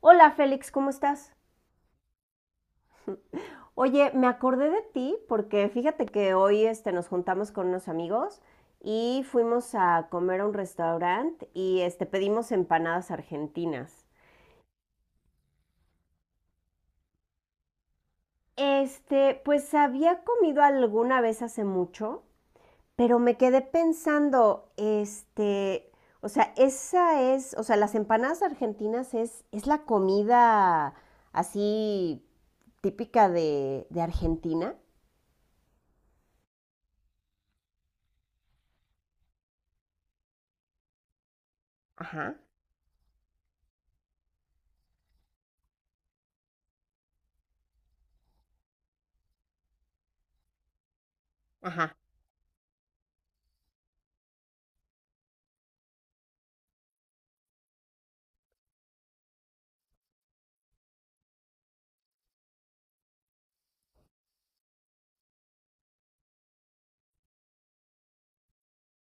Hola Félix, ¿cómo estás? Oye, me acordé de ti porque fíjate que hoy nos juntamos con unos amigos y fuimos a comer a un restaurante y pedimos empanadas argentinas. Pues había comido alguna vez hace mucho, pero me quedé pensando, o sea, o sea, las empanadas argentinas es la comida así típica de Argentina. Ajá, ajá.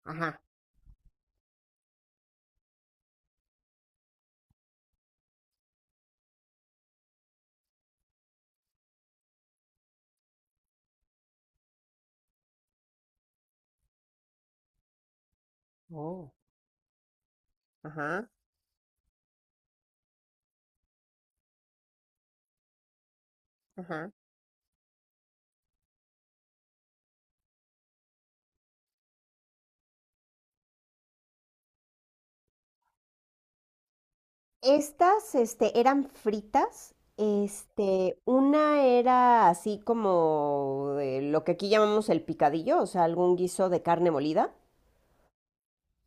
Ajá. Oh. Ajá, ajá. Estas, eran fritas. Una era así como de lo que aquí llamamos el picadillo, o sea, algún guiso de carne molida.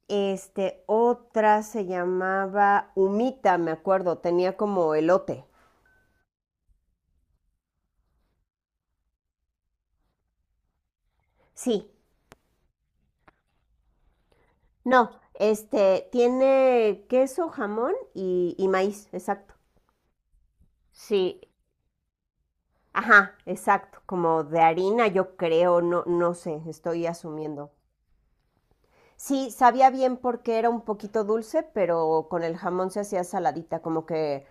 Otra se llamaba humita, me acuerdo, tenía como elote. Sí, no, tiene queso, jamón y maíz, exacto. Sí, ajá, exacto, como de harina, yo creo, no, no sé, estoy asumiendo. Sí, sabía bien porque era un poquito dulce, pero con el jamón se hacía saladita, como que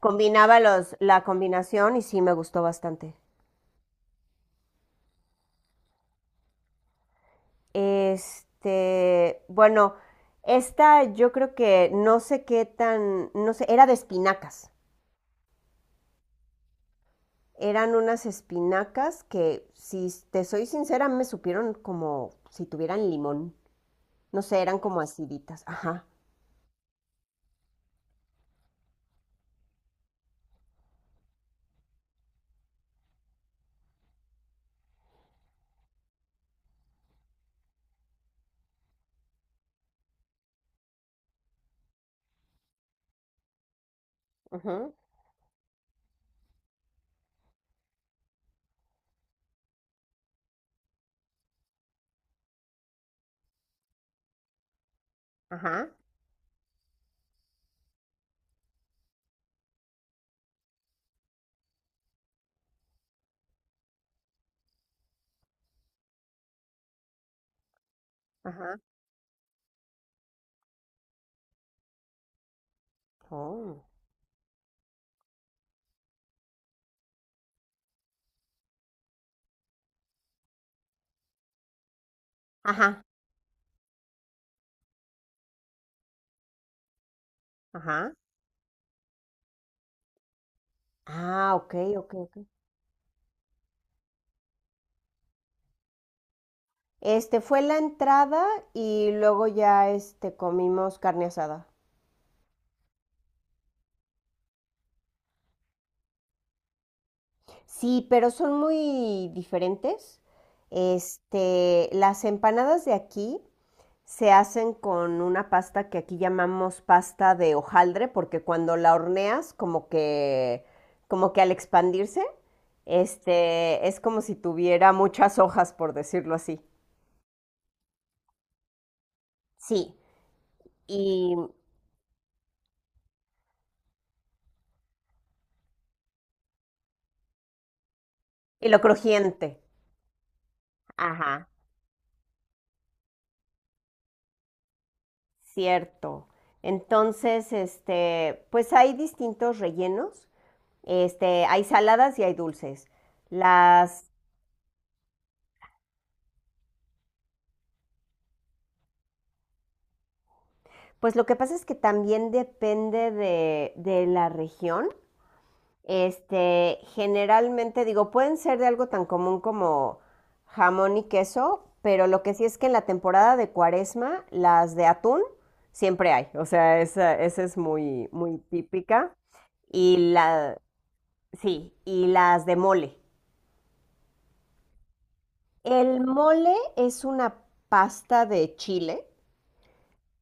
combinaba la combinación y sí me gustó bastante. Bueno, esta yo creo que no sé qué tan, no sé, era de espinacas. Eran unas espinacas que, si te soy sincera, me supieron como si tuvieran limón. No sé, eran como aciditas. Ajá. Ujú. Ajá. Ajá. Oh. Ajá. Ajá. Ah, ok, ok, ok. Este fue la entrada y luego ya comimos carne asada. Sí, pero son muy diferentes. Las empanadas de aquí se hacen con una pasta que aquí llamamos pasta de hojaldre, porque cuando la horneas, como que al expandirse, es como si tuviera muchas hojas, por decirlo así. Sí, y, y lo crujiente. Ajá. Cierto. Entonces, pues hay distintos rellenos. Hay saladas y hay dulces. Las, pues lo que pasa es que también depende de la región. Generalmente digo, pueden ser de algo tan común como jamón y queso, pero lo que sí es que en la temporada de Cuaresma, las de atún siempre hay. O sea, esa es muy, muy típica. Y la, sí, y las de mole. El mole es una pasta de chile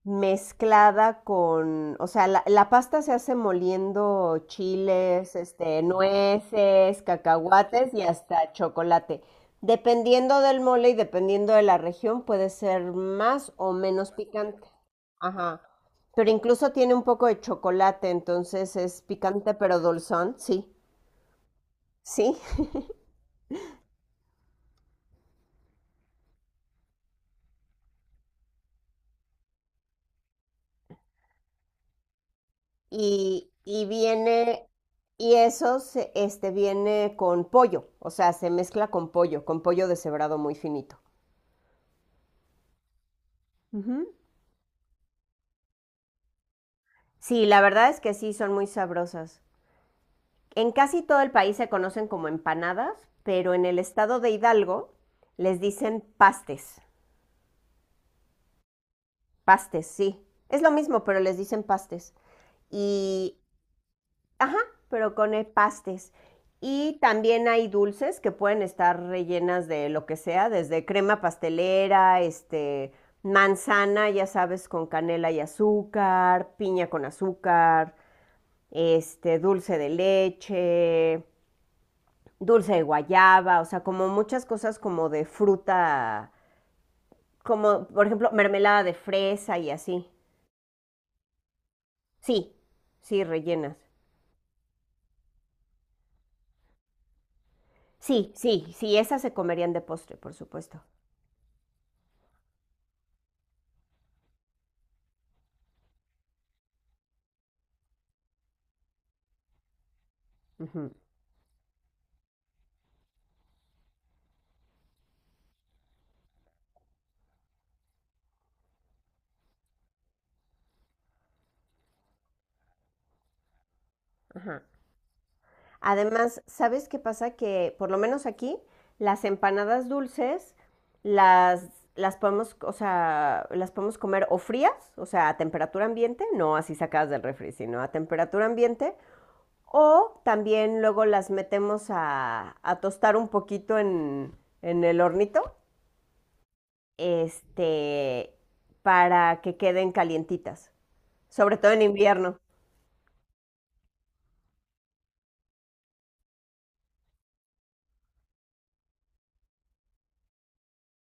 mezclada con, o sea, la pasta se hace moliendo chiles, nueces, cacahuates y hasta chocolate. Dependiendo del mole y dependiendo de la región, puede ser más o menos picante. Ajá. Pero incluso tiene un poco de chocolate, entonces es picante pero dulzón, sí, sí. Y viene, y eso se- este, viene con pollo, o sea, se mezcla con pollo deshebrado muy finito. Ujú. Sí, la verdad es que sí, son muy sabrosas. En casi todo el país se conocen como empanadas, pero en el estado de Hidalgo les dicen pastes. Pastes, sí. Es lo mismo, pero les dicen pastes. Y Ajá, pero con pastes. Y también hay dulces que pueden estar rellenas de lo que sea, desde crema pastelera, manzana, ya sabes, con canela y azúcar, piña con azúcar, dulce de leche, dulce de guayaba, o sea, como muchas cosas como de fruta, como por ejemplo mermelada de fresa y así. Sí, sí, rellenas. Sí, sí, sí, esas se comerían de postre, por supuesto. Ujú, ajá. Además, ¿sabes qué pasa? Que por lo menos aquí las empanadas dulces las, las podemos, o sea, las podemos comer o frías, o sea, a temperatura ambiente, no así sacadas del refri, sino a temperatura ambiente, o también luego las metemos a tostar un poquito en el hornito, este, para que queden calientitas, sobre todo en invierno.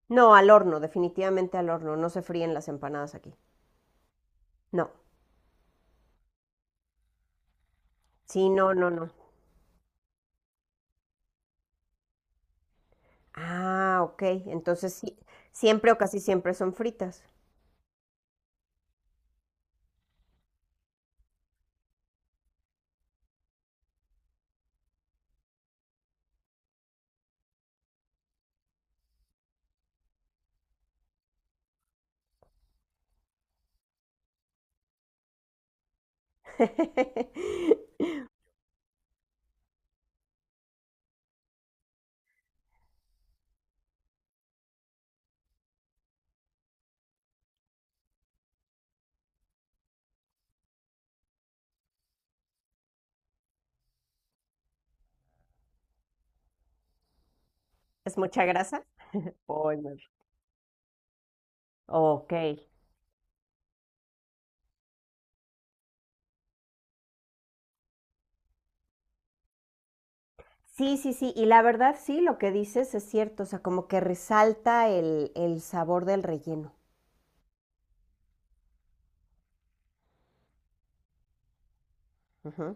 No, al horno, definitivamente al horno, no se fríen las empanadas aquí. No. Sí, no, no, no. Ah, ok. Entonces sí, siempre o casi siempre son fritas. ¿Es mucha grasa? Spoiler. Ok. Sí, sí, sí. Y la verdad, sí, lo que dices es cierto. O sea, como que resalta el sabor del relleno. Ujú,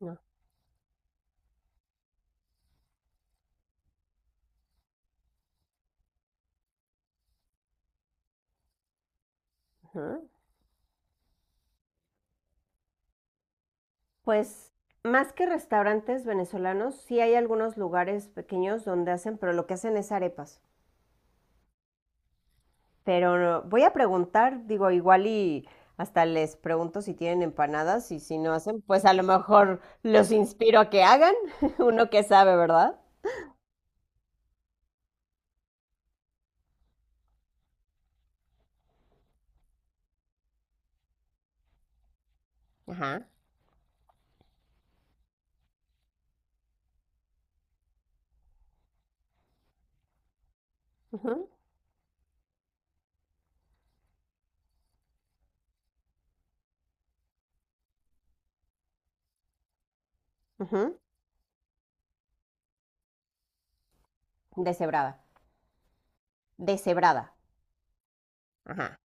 no, ujú. Pues más que restaurantes venezolanos, sí hay algunos lugares pequeños donde hacen, pero lo que hacen es arepas. Pero voy a preguntar, digo, igual y hasta les pregunto si tienen empanadas y si no hacen, pues a lo mejor los inspiro a que hagan, uno que sabe, ¿verdad? Ajá. Ujú, ujú. Deshebrada. Deshebrada. Ajá.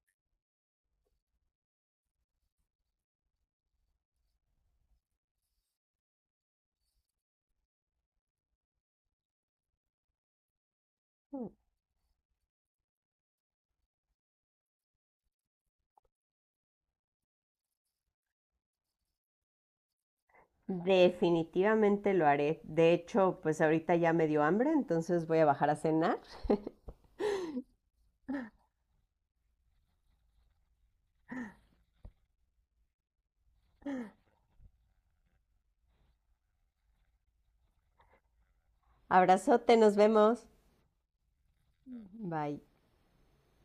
Definitivamente lo haré. De hecho, pues ahorita ya me dio hambre, entonces voy a bajar a cenar. Abrazote, nos vemos. Bye.